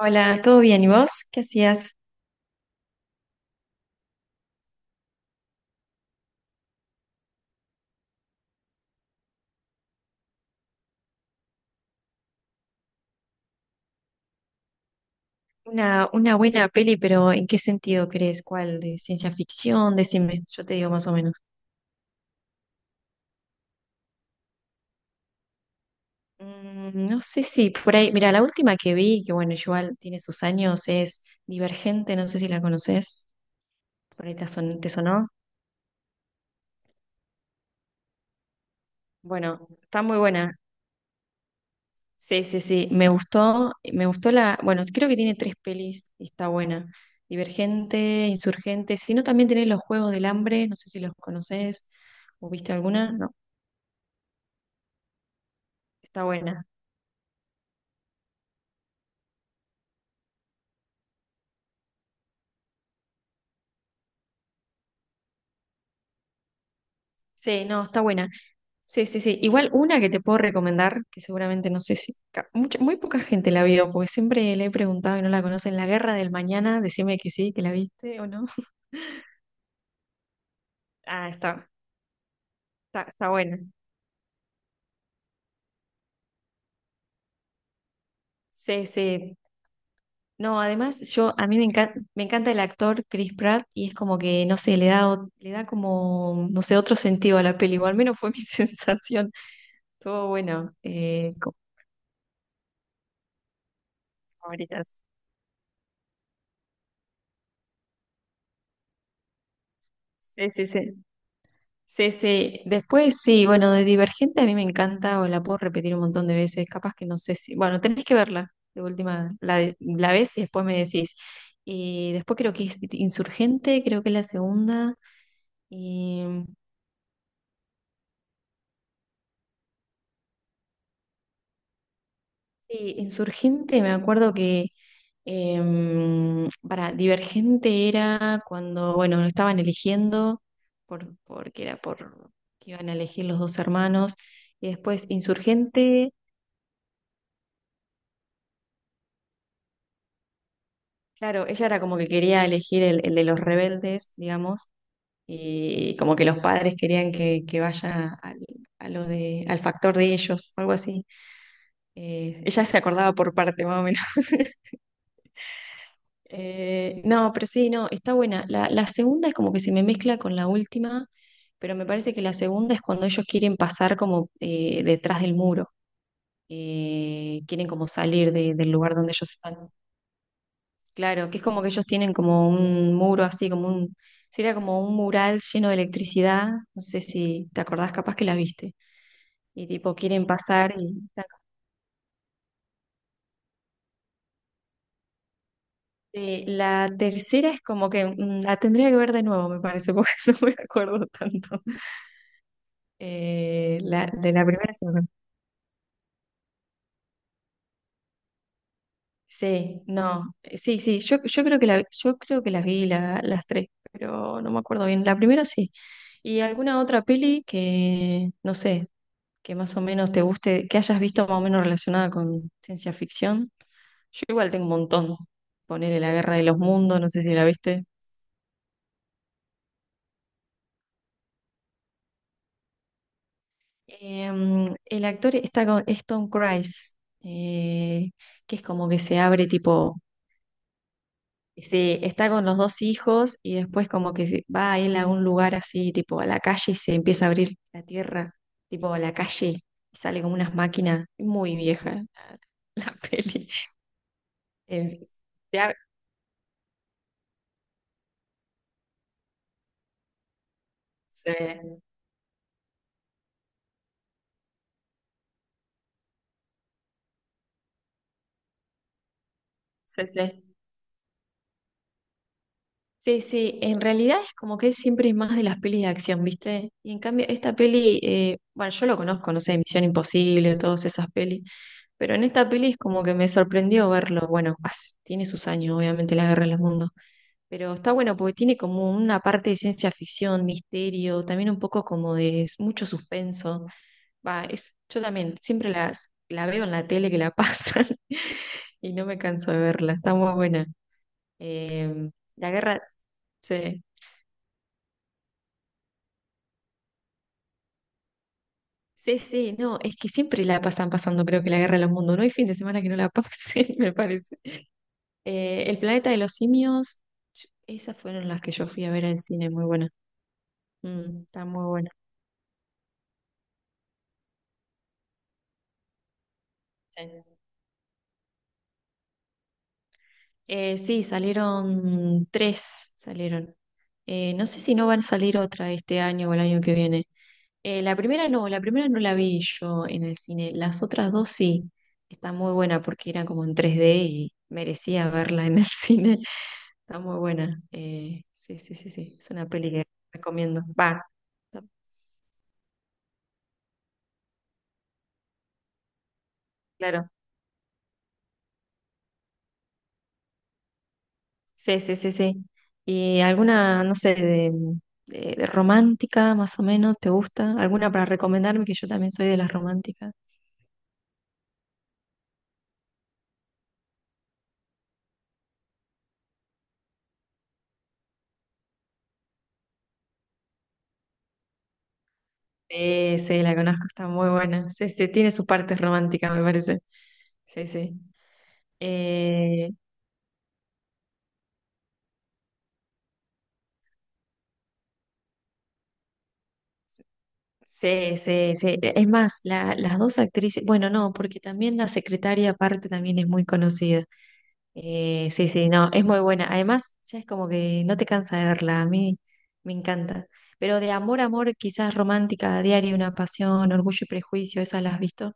Hola, ¿todo bien? ¿Y vos? ¿Qué hacías? Una buena peli, pero ¿en qué sentido crees? ¿Cuál? ¿De ciencia ficción? Decime, yo te digo más o menos. Mm, no sé si por ahí, mira, la última que vi, que bueno, igual tiene sus años, es Divergente, no sé si la conoces, por ahí te sonó. Bueno, está muy buena. Sí, sí, sí, me gustó, bueno, creo que tiene tres pelis y está buena. Divergente, Insurgente, si no también tenés los Juegos del Hambre, no sé si los conoces o viste alguna, ¿no? Está buena. Sí, no, está buena. Sí, sí, sí. Igual una que te puedo recomendar, que seguramente no sé si muy poca gente la vio, porque siempre le he preguntado y no la conocen, La Guerra del Mañana, decime que sí, que la viste o no. Ah, está, está buena. Sí, sí. No, además yo a mí me encanta el actor Chris Pratt y es como que no sé, le da como no sé, otro sentido a la peli, o al menos fue mi sensación. Todo bueno, como favoritas. Sí, sí, sí. Sí, sí. Después sí, bueno, de Divergente a mí me encanta, o la puedo repetir un montón de veces, capaz que no sé si, bueno, tenés que verla, de última, la ves y después me decís. Y después creo que es Insurgente, creo que es la segunda. Y, sí, Insurgente, me acuerdo que para Divergente era cuando, bueno, lo estaban eligiendo, porque era por que iban a elegir los dos hermanos. Y después Insurgente. Claro, ella era como que quería elegir el de los rebeldes, digamos, y como que los padres querían que vaya al factor de ellos, algo así. Ella se acordaba por parte, más o menos. No, pero sí, no, está buena. La segunda es como que se me mezcla con la última, pero me parece que la segunda es cuando ellos quieren pasar como detrás del muro, quieren como del lugar donde ellos están. Claro, que es como que ellos tienen como un muro así, como un, sería como un mural lleno de electricidad, no sé si te acordás, capaz que la viste, y tipo quieren pasar y están. La tercera es como que mm, la tendría que ver de nuevo, me parece, porque no me acuerdo tanto. La, de la primera sí. Sí, no, sí, sí, yo, yo creo que las tres, pero no me acuerdo bien. La primera sí. Y alguna otra peli que, no sé, que más o menos te guste, que hayas visto más o menos relacionada con ciencia ficción. Yo igual tengo un montón. Ponele La Guerra de los Mundos, no sé si la viste. El actor está con es Tom Cruise, eh, que es como que se abre tipo, está con los dos hijos y después como que va él a un lugar así, tipo a la calle y se empieza a abrir la tierra, tipo a la calle, y sale como unas máquinas, muy vieja la peli. Eh, se ab- se- sí, sí. Sí, sí, en realidad es como que él siempre es más de las pelis de acción, ¿viste? Y en cambio, esta peli, bueno, yo lo conozco, no sé, Misión Imposible, todas esas pelis, pero en esta peli es como que me sorprendió verlo. Tiene sus años, obviamente, la Guerra de los Mundos, pero está bueno porque tiene como una parte de ciencia ficción, misterio, también un poco como de mucho suspenso. Va, es, yo también siempre la veo en la tele que la pasan y no me canso de verla, está muy buena. Em, la guerra, sí. Sí, sí, no, es que siempre la pasan pasando, creo que la guerra de los mundos. No hay fin de semana que no la pasen, me parece. El planeta de los simios, esas fueron las que yo fui a ver al cine, muy buena. Mm, está muy buena. Sí. Sí, salieron tres, salieron. No sé si no van a salir otra este año o el año que viene. La primera no, la primera no la vi yo en el cine. Las otras dos sí, está muy buena porque era como en tres d y merecía verla en el cine. Está muy buena. Sí, sí, sí, sí. Es una peli que recomiendo. Está- claro. Sí, sí, sí, sí. ¿Y alguna, no sé, de romántica más o menos, te gusta? ¿Alguna para recomendarme? Que yo también soy de las románticas. Sí, sí, la conozco, está muy buena. Sí, sí, tiene sus partes románticas, me parece. Sí, sí. Eh, sí, sí, sí. E, es más, las dos actrices, bueno, no, porque también la secretaria aparte también es muy conocida. Sí, sí, no, es muy buena. Además, ya es como que no te cansa de verla, a mí me encanta. Pero de amor a amor, quizás romántica, a diario, una pasión, orgullo y prejuicio, ¿esa la has visto?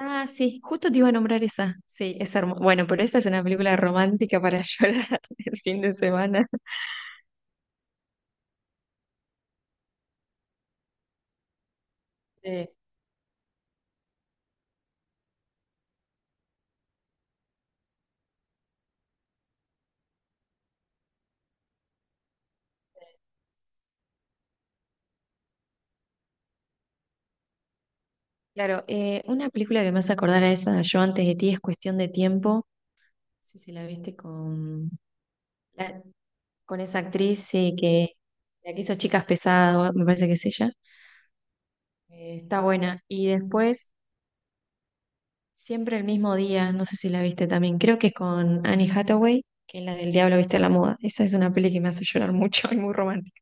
Ah, sí, justo te iba a nombrar esa. Sí, es hermosa. Bueno, pero esa es una película romántica para llorar el fin de semana. Sí, claro, una película que me hace acordar a esa, Yo antes de ti, es cuestión de tiempo. No sé si la viste con esa actriz, sí, que la que hizo Chicas Pesadas, me parece que es ella. Está buena. Y después, siempre el mismo día, no sé si la viste también, creo que es con Annie Hathaway, que es la del Diablo viste a la moda. Esa es una peli que me hace llorar mucho y muy romántica.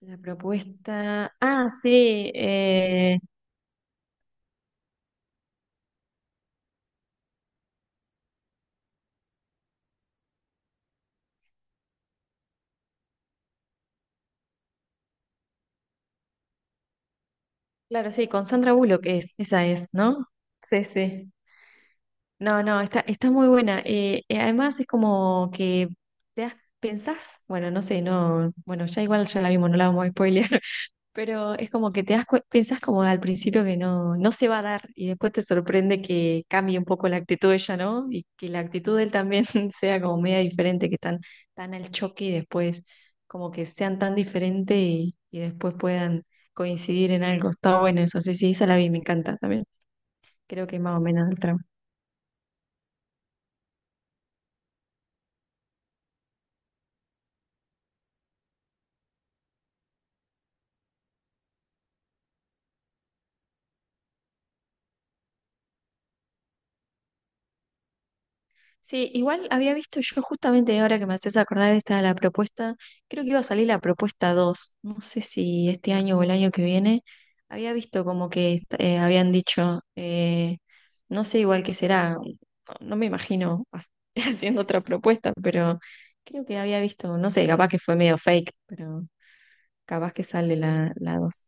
La propuesta. Ah, sí, claro, sí, con Sandra Bullock es, esa es, ¿no? Sí, sí. No, no, está muy buena. Además es como que te das, pensás, bueno, no sé, no, bueno, ya igual ya la vimos, no la vamos a spoilear, pero es como que pensás como al principio que no, no se va a dar y después te sorprende que cambie un poco la actitud de ella, ¿no? Y que la actitud de él también sea como media diferente, que están tan al choque y después como que sean tan diferentes y después puedan coincidir en algo. Está bueno eso, sí, sí, esa la vi, me encanta también. Creo que más o menos el tramo. Sí, igual había visto yo justamente ahora que me haces acordar de esta la propuesta, creo que iba a salir la propuesta 2. No sé si este año o el año que viene, había visto como habían dicho, no sé igual qué será, no, no me imagino ha- haciendo otra propuesta, pero creo que había visto, no sé, capaz que fue medio fake, pero capaz que sale la 2.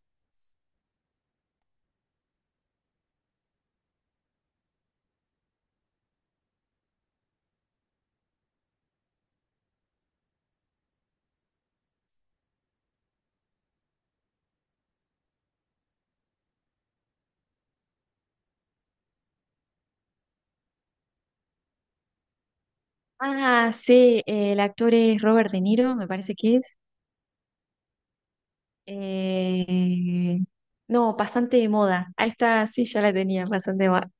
Ah, sí, el actor es Robert De Niro, me parece que es. Eh, no, pasante de moda. Ahí está, sí, ya la tenía, pasante de moda.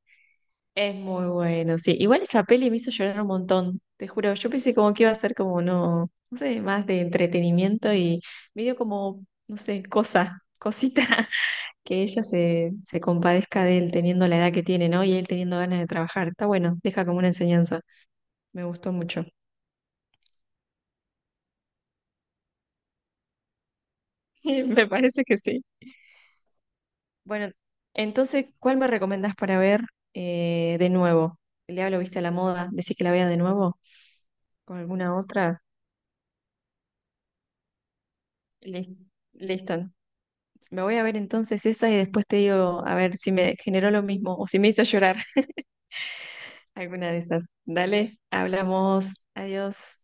Es muy bueno, sí. Igual esa peli me hizo llorar un montón, te juro. Yo pensé como que iba a ser como, no, no sé, más de entretenimiento y me dio como, no sé, cosa, cosita, que se compadezca de él teniendo la edad que tiene, ¿no? Y él teniendo ganas de trabajar. Está bueno, deja como una enseñanza. Me gustó mucho. Me parece que sí. Bueno, entonces, ¿cuál me recomendás para ver de nuevo? El diablo viste a la moda, decís que la vea de nuevo con alguna otra. Lis- Listo. Me voy a ver entonces esa y después te digo a ver si me generó lo mismo o si me hizo llorar alguna de esas. Dale, hablamos. Adiós.